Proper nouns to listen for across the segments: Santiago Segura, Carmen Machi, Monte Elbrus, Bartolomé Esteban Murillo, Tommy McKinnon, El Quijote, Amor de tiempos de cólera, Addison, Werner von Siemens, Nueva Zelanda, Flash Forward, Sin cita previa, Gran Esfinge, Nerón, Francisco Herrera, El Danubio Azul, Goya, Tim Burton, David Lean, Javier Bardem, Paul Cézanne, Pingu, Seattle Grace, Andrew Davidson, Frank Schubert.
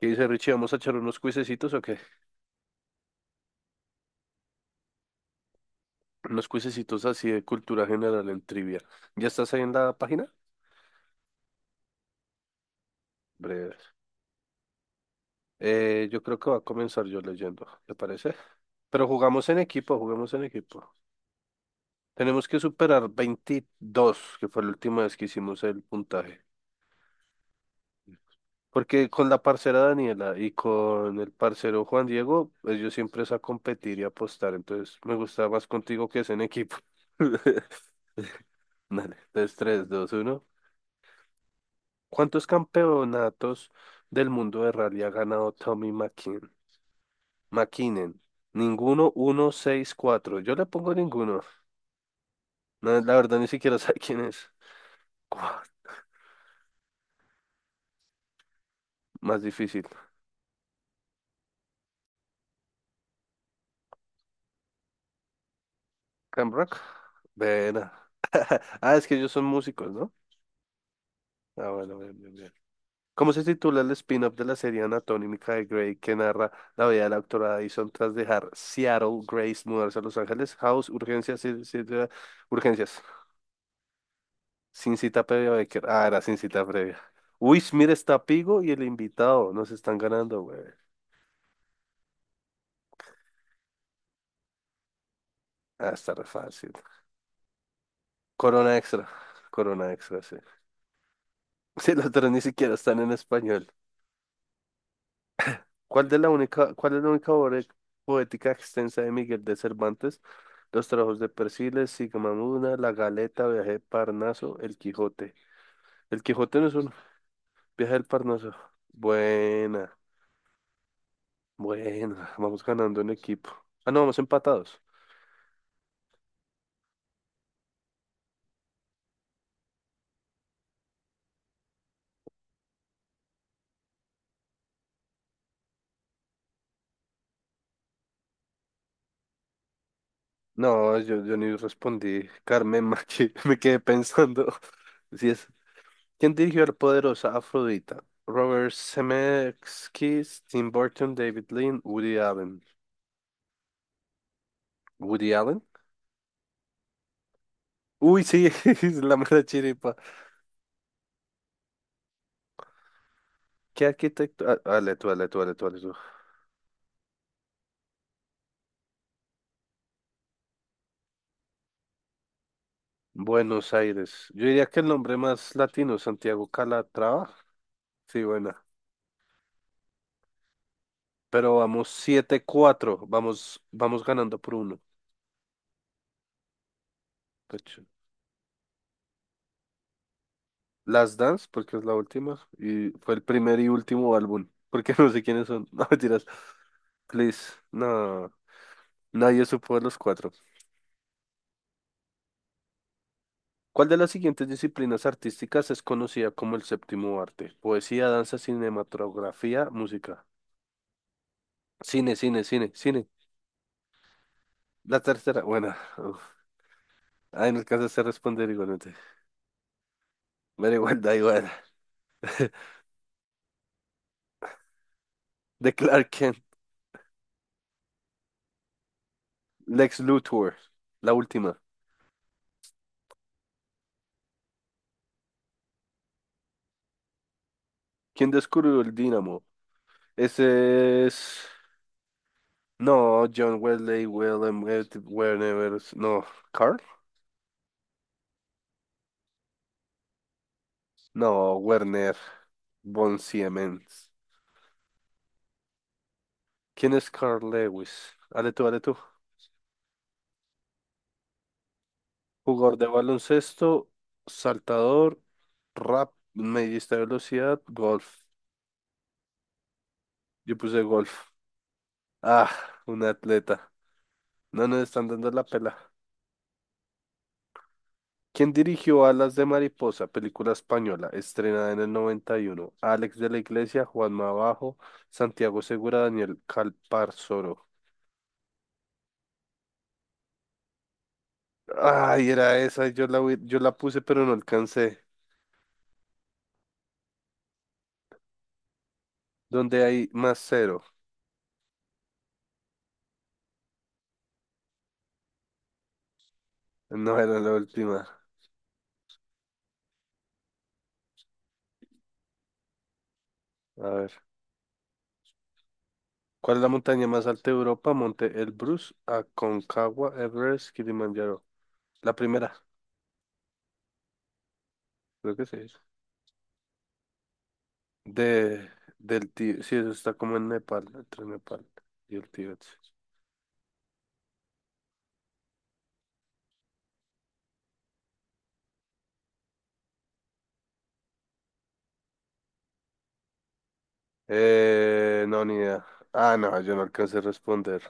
¿Qué dice Richie? ¿Vamos a echar unos cuisecitos o qué? Unos cuisecitos así de cultura general en trivia. ¿Ya estás ahí en la página? Breve. Yo creo que va a comenzar yo leyendo, ¿te parece? Pero jugamos en equipo, jugamos en equipo. Tenemos que superar 22, que fue la última vez que hicimos el puntaje. Porque con la parcera Daniela y con el parcero Juan Diego, ellos siempre es a competir y apostar. Entonces me gusta más contigo que es en equipo. Dale, 3, tres dos uno. ¿Cuántos campeonatos del mundo de rally ha ganado Tommy McKinnon? Ninguno, uno, seis, cuatro. Yo le pongo ninguno. No, la verdad ni siquiera sé quién es. Ua, más difícil. Cam Rock. Verá. Ah, es que ellos son músicos, ¿no? Ah, bueno, bien, bien, bien. ¿Cómo se titula el spin-off de la serie anatómica de Grey que narra la vida de la doctora Addison tras dejar Seattle, Grace, mudarse a Los Ángeles, House, Urgencias, sí, sí, sí, Urgencias. Sin cita previa, Becker. Ah, era sin cita previa. Uy, mira, está Pigo y el invitado. Nos están ganando, güey. Ah, está re fácil. Corona extra. Corona extra, sí. Sí, los tres ni siquiera están en español. ¿Cuál de la única, cuál es la única obra poética extensa de Miguel de Cervantes? Los trabajos de Persiles, Sigismunda, La Galeta, Viaje de Parnaso, El Quijote. El Quijote no es uno. Viaje del Parnaso. Buena, buena. Vamos ganando en equipo. Ah, no, vamos empatados. No, yo ni respondí. Carmen Machi, me quedé pensando. Si es, ¿quién dirigió La poderosa Afrodita? Robert Zemeckis, Tim Burton, David Lean, Woody Allen. ¿Woody Allen? Uy, sí, es la mera chiripa. ¿Qué arquitecto? Ah, dale tú, dale tú, dale tú, dale tú. Buenos Aires. Yo diría que el nombre más latino, Santiago Calatrava. Sí, buena. Pero vamos siete cuatro. Vamos, vamos ganando por uno. Last Dance, porque es la última, y fue el primer y último álbum, porque no sé quiénes son. No, mentiras. Please, no, nadie supo de los cuatro. ¿Cuál de las siguientes disciplinas artísticas es conocida como el séptimo arte? Poesía, danza, cinematografía, música. Cine, cine, cine, cine. La tercera, bueno, uf. Ay, no alcanzaste a responder igualmente. Me igual, da igual. De Clark Kent, Lex Luthor, la última. ¿Quién descubrió el dínamo? Ese es. No, John Wesley, Willem, Werner, no, Carl, no, Werner von Siemens. ¿Quién es Carl Lewis? Dale tú, dale tú. Jugador de baloncesto, saltador, rap, medista de velocidad, golf. Yo puse golf. Ah, un atleta. No nos están dando la pela. ¿Quién dirigió Alas de Mariposa, película española, estrenada en el 91? Alex de la Iglesia, Juan Mabajo, Santiago Segura, Daniel Calparsoro. Ay, era esa, yo la, yo la puse, pero no alcancé. ¿Dónde hay más cero? No era la última. A ver. ¿Cuál es la montaña más alta de Europa? Monte Elbrus, Aconcagua, Everest, Kilimanjaro. La primera, creo que sí es. De, del Tíbet. Sí, eso está como en Nepal, entre Nepal y el Tíbet. No, ni idea. Ah, no, yo no alcancé a responder.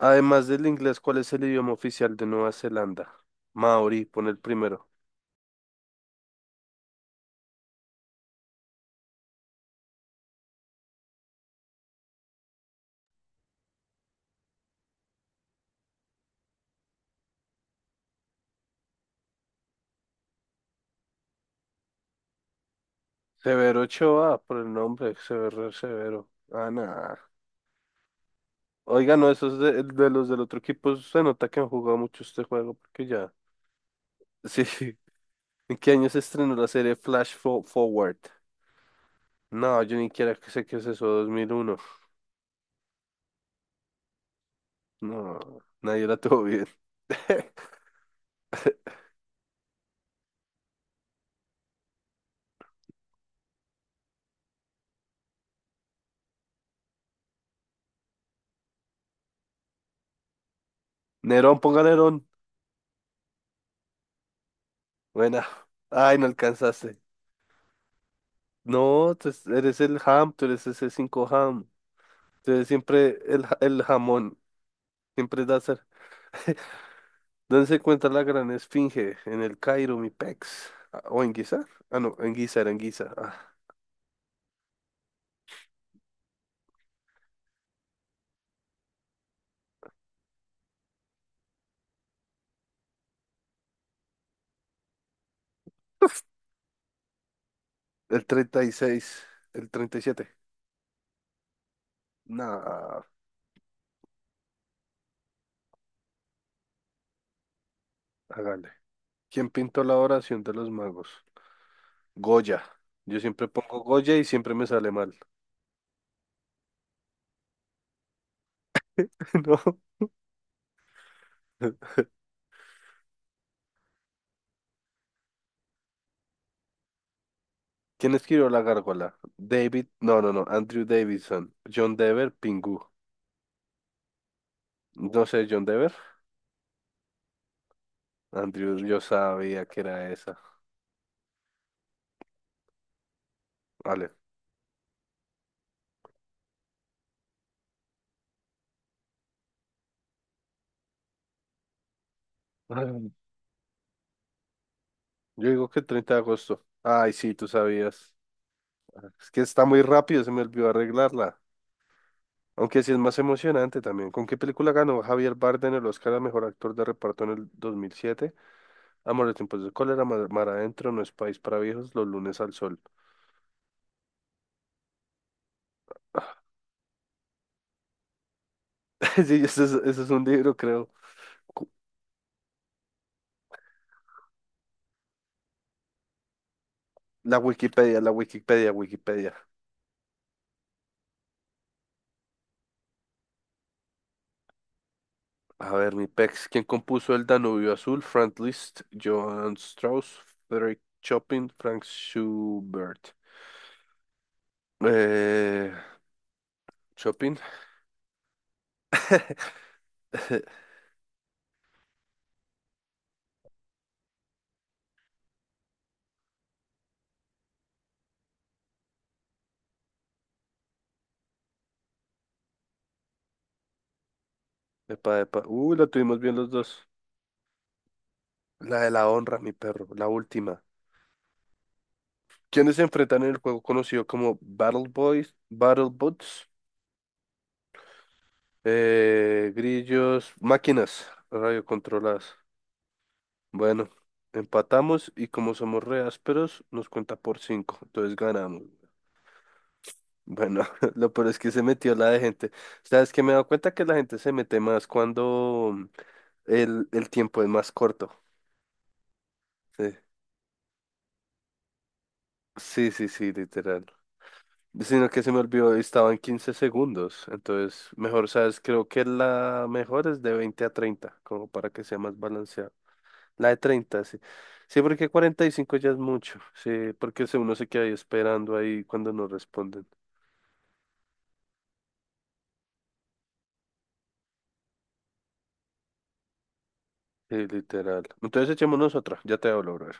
Además del inglés, ¿cuál es el idioma oficial de Nueva Zelanda? Maori, pone el primero. Severo Ochoa, por el nombre, Severo, Severo. Ah, nada. Oiga, no, esos de los del otro equipo se nota que han jugado mucho este juego, porque ya. Sí. ¿En qué año se estrenó la serie Flash Forward? No, yo ni quiera que sé qué es eso, 2001. No, nadie la tuvo bien. Nerón, ponga Nerón. Buena. Ay, no alcanzaste. No, tú eres el ham, tú eres ese 5 ham. Tú eres siempre el, el jamón. Siempre das. Dense cuenta la gran esfinge en el Cairo, mi pex. Ah, ¿o en Guizar? Ah, no, en Guizar, en Guizar. Ah, el 36, el 37. Nah, hágale. ¿Quién pintó la oración de los magos? Goya. Yo siempre pongo Goya y siempre me sale mal. No. ¿Quién escribió la gárgola? David, no, no, no, Andrew Davidson. John Dever, Pingu. No sé, John Dever. Andrew, yo sabía que era esa. Vale. Ay, yo digo que 30 de agosto. Ay, sí, tú sabías. Es que está muy rápido, se me olvidó arreglarla. Aunque sí es más emocionante también. ¿Con qué película ganó Javier Bardem el Oscar a Mejor Actor de Reparto en el 2007? Amor de tiempos de cólera, Mar, Mar adentro, No es país para viejos, Los lunes al sol. Sí, eso es un libro, creo. Cu- la Wikipedia, Wikipedia. A ver, mi pex. ¿Quién compuso El Danubio Azul? Franz Liszt, Johann Strauss, Frédéric Chopin, Frank Schubert. Eh, Chopin. Epa, epa. Uy, la tuvimos bien los dos. La de la honra, mi perro, la última. ¿Quiénes se enfrentan en el juego conocido como Battle Boys, Battle Bots, grillos, máquinas radiocontroladas? Bueno, empatamos y como somos re ásperos, nos cuenta por cinco, entonces ganamos. Bueno, lo peor es que se metió la de gente. ¿Sabes que me he dado cuenta que la gente se mete más cuando el tiempo es más corto. Sí, sí, sí, sí, literal. Sino que se me olvidó, estaba en 15 segundos. Entonces, mejor, ¿sabes? Creo que la mejor es de 20 a 30 como para que sea más balanceado. La de 30 sí. Sí, porque 45 ya es mucho. Sí, porque uno se queda ahí esperando ahí cuando no responden. Sí, literal. Entonces, echémonos otra. Ya te hablo, bro.